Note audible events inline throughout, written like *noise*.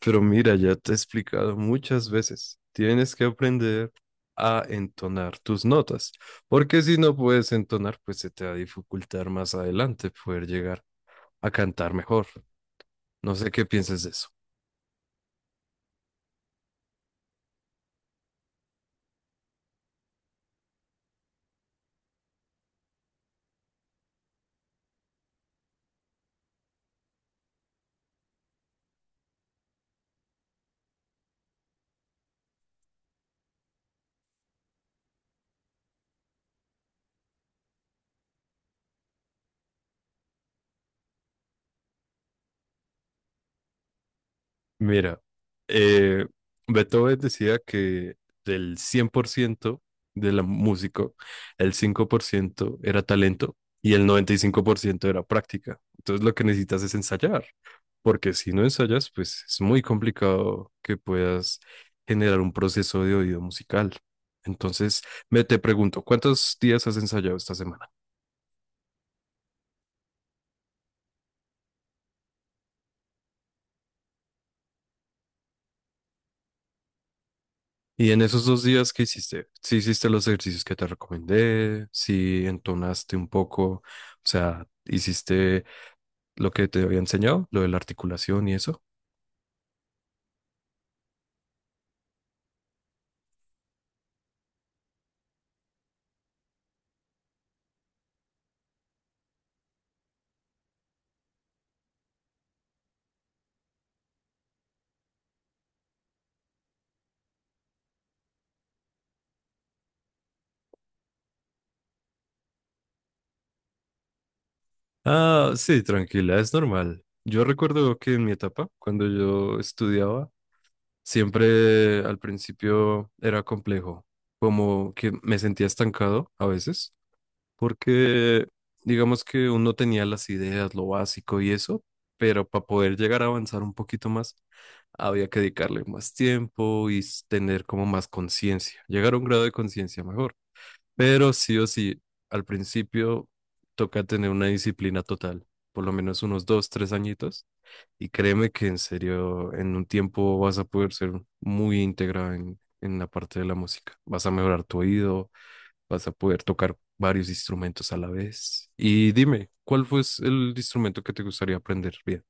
Pero mira, ya te he explicado muchas veces, tienes que aprender a entonar tus notas, porque si no puedes entonar, pues se te va a dificultar más adelante poder llegar a cantar mejor. No sé qué piensas de eso. Mira, eh, Beethoven decía que del 100% de la música, el 5% era talento y el 95% era práctica. Entonces lo que necesitas es ensayar, porque si no ensayas, pues es muy complicado que puedas generar un proceso de oído musical. Entonces, me te pregunto, ¿cuántos días has ensayado esta semana? Y en esos 2 días que hiciste, si hiciste los ejercicios que te recomendé, si entonaste un poco, o sea, hiciste lo que te había enseñado, lo de la articulación y eso. Ah, sí, tranquila, es normal. Yo recuerdo que en mi etapa, cuando yo estudiaba, siempre al principio era complejo, como que me sentía estancado a veces porque digamos que uno tenía las ideas, lo básico y eso, pero para poder llegar a avanzar un poquito más, había que dedicarle más tiempo y tener como más conciencia, llegar a un grado de conciencia mejor. Pero sí o sí, al principio toca tener una disciplina total, por lo menos unos 2, 3 añitos, y créeme que en serio, en un tiempo vas a poder ser muy íntegra en la parte de la música. Vas a mejorar tu oído. Vas a poder tocar varios instrumentos a la vez. Y dime, ¿cuál fue el instrumento que te gustaría aprender? Bien,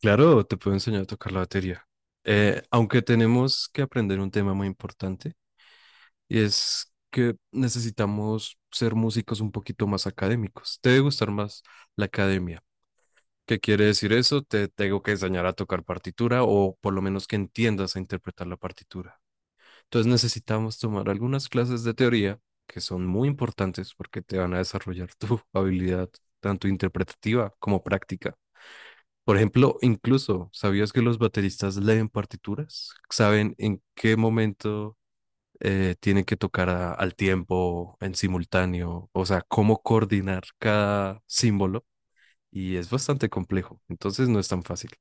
claro, te puedo enseñar a tocar la batería. Aunque tenemos que aprender un tema muy importante, y es que necesitamos ser músicos un poquito más académicos. Te debe gustar más la academia. ¿Qué quiere decir eso? Te tengo que enseñar a tocar partitura o por lo menos que entiendas a interpretar la partitura. Entonces necesitamos tomar algunas clases de teoría que son muy importantes porque te van a desarrollar tu *laughs* habilidad tanto interpretativa como práctica. Por ejemplo, incluso, ¿sabías que los bateristas leen partituras? ¿Saben en qué momento tienen que tocar al tiempo, en simultáneo? O sea, cómo coordinar cada símbolo. Y es bastante complejo, entonces no es tan fácil.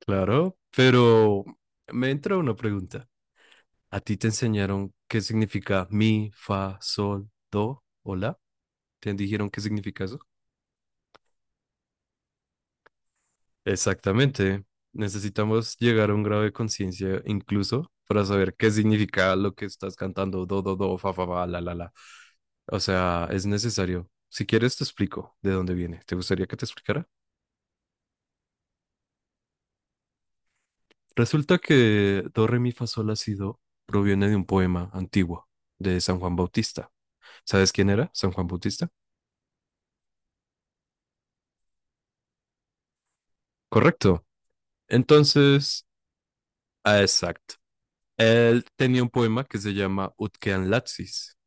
Claro, pero me entra una pregunta. ¿A ti te enseñaron qué significa mi, fa, sol, do o la? ¿Te dijeron qué significa eso? Exactamente. Necesitamos llegar a un grado de conciencia incluso para saber qué significa lo que estás cantando, do, do, do, fa, fa, fa, la, la, la. O sea, es necesario. Si quieres, te explico de dónde viene. ¿Te gustaría que te explicara? Resulta que do, re, mi, fa, sol, la, si, do proviene de un poema antiguo de San Juan Bautista. ¿Sabes quién era San Juan Bautista? Correcto. Entonces, ah, exacto. Él tenía un poema que se llama Utkean Latsis,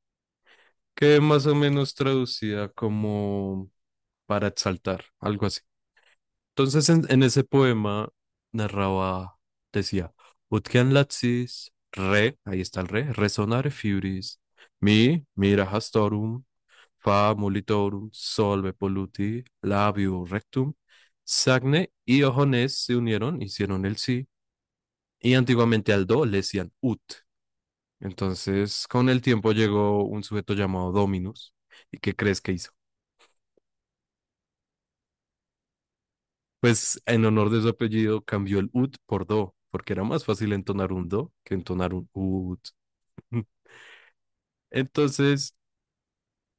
que más o menos traducida como para exaltar, algo así. Entonces, en ese poema narraba, decía, Utkean Latsis, re, ahí está el re, resonare fibris, mi, mira hastorum, fa molitorum, solve polluti, labio rectum, sagne y ojones se unieron, hicieron el sí, y antiguamente al do le decían ut. Entonces, con el tiempo llegó un sujeto llamado Dominus. ¿Y qué crees que hizo? Pues en honor de su apellido cambió el ut por do, porque era más fácil entonar un do que entonar un ut. *laughs* Entonces,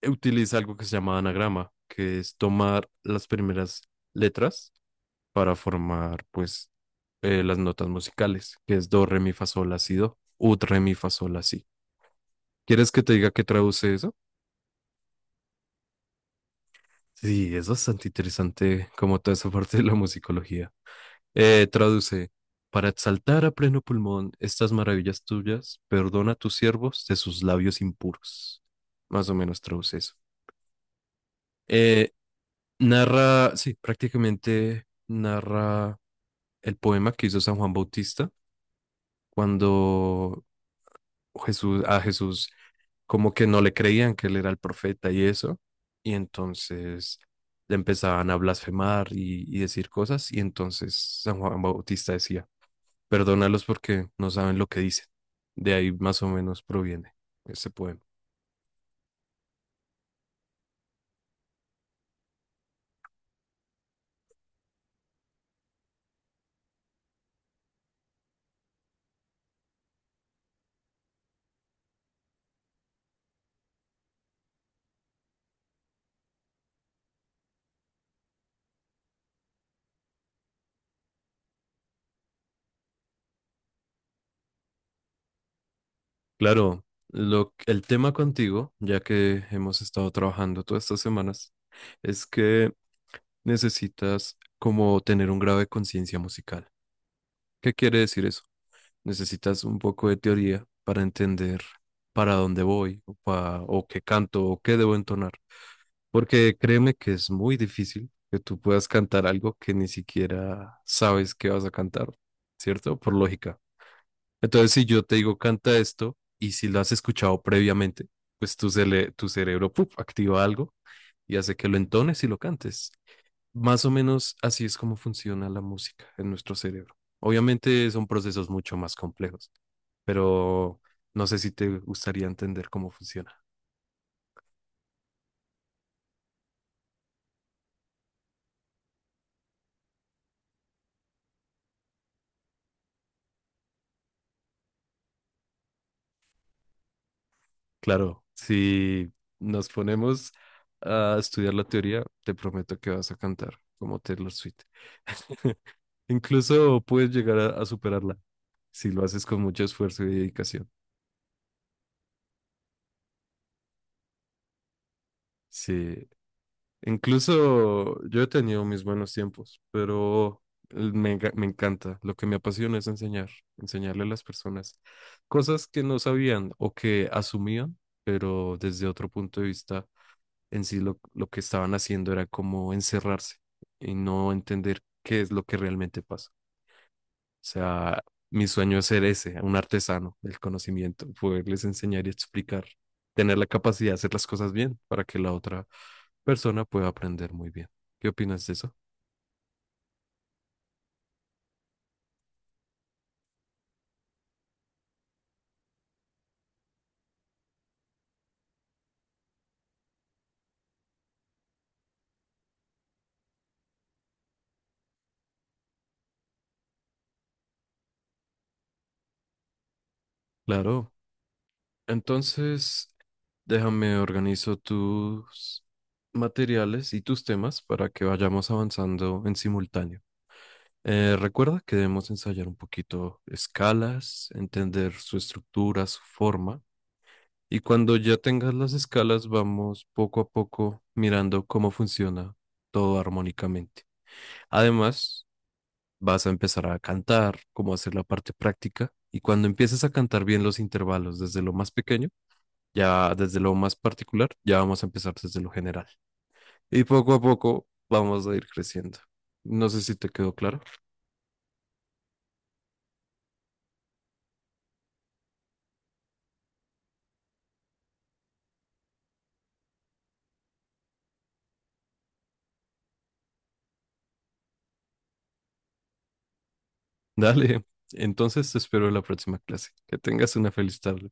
utiliza algo que se llama anagrama, que es tomar las primeras letras para formar, pues, las notas musicales, que es do, re, mi, fa, sol, la, si, do, ut, re, mi, fa, sol, la, si. ¿Quieres que te diga qué traduce eso? Sí, es bastante interesante como toda esa parte de la musicología. Traduce, para exaltar a pleno pulmón estas maravillas tuyas, perdona a tus siervos de sus labios impuros. Más o menos traduce eso. Eh, Narra, sí, prácticamente narra el poema que hizo San Juan Bautista cuando a Jesús como que no le creían que él era el profeta y eso, y entonces le empezaban a blasfemar y decir cosas, y entonces San Juan Bautista decía, perdónalos porque no saben lo que dicen. De ahí más o menos proviene ese poema. Claro, el tema contigo, ya que hemos estado trabajando todas estas semanas, es que necesitas como tener un grado de conciencia musical. ¿Qué quiere decir eso? Necesitas un poco de teoría para entender para dónde voy o qué canto o qué debo entonar. Porque créeme que es muy difícil que tú puedas cantar algo que ni siquiera sabes que vas a cantar, ¿cierto? Por lógica. Entonces, si yo te digo canta esto y si lo has escuchado previamente, pues tu cerebro ¡puf! Activa algo y hace que lo entones y lo cantes. Más o menos así es como funciona la música en nuestro cerebro. Obviamente son procesos mucho más complejos, pero no sé si te gustaría entender cómo funciona. Claro, si nos ponemos a estudiar la teoría, te prometo que vas a cantar como Taylor Swift. *laughs* Incluso puedes llegar a superarla si lo haces con mucho esfuerzo y dedicación. Sí, incluso yo he tenido mis buenos tiempos, pero me encanta. Lo que me apasiona es enseñar, enseñarle a las personas cosas que no sabían o que asumían, pero desde otro punto de vista, en sí lo que estaban haciendo era como encerrarse y no entender qué es lo que realmente pasa. O sea, mi sueño es ser ese, un artesano del conocimiento, poderles enseñar y explicar, tener la capacidad de hacer las cosas bien para que la otra persona pueda aprender muy bien. ¿Qué opinas de eso? Claro. Entonces, déjame organizo tus materiales y tus temas para que vayamos avanzando en simultáneo. Recuerda que debemos ensayar un poquito escalas, entender su estructura, su forma. Y cuando ya tengas las escalas, vamos poco a poco mirando cómo funciona todo armónicamente. Además, vas a empezar a cantar, cómo hacer la parte práctica. Y cuando empieces a cantar bien los intervalos desde lo más pequeño, ya desde lo más particular, ya vamos a empezar desde lo general. Y poco a poco vamos a ir creciendo. No sé si te quedó claro. *laughs* Dale. Entonces te espero en la próxima clase. Que tengas una feliz tarde.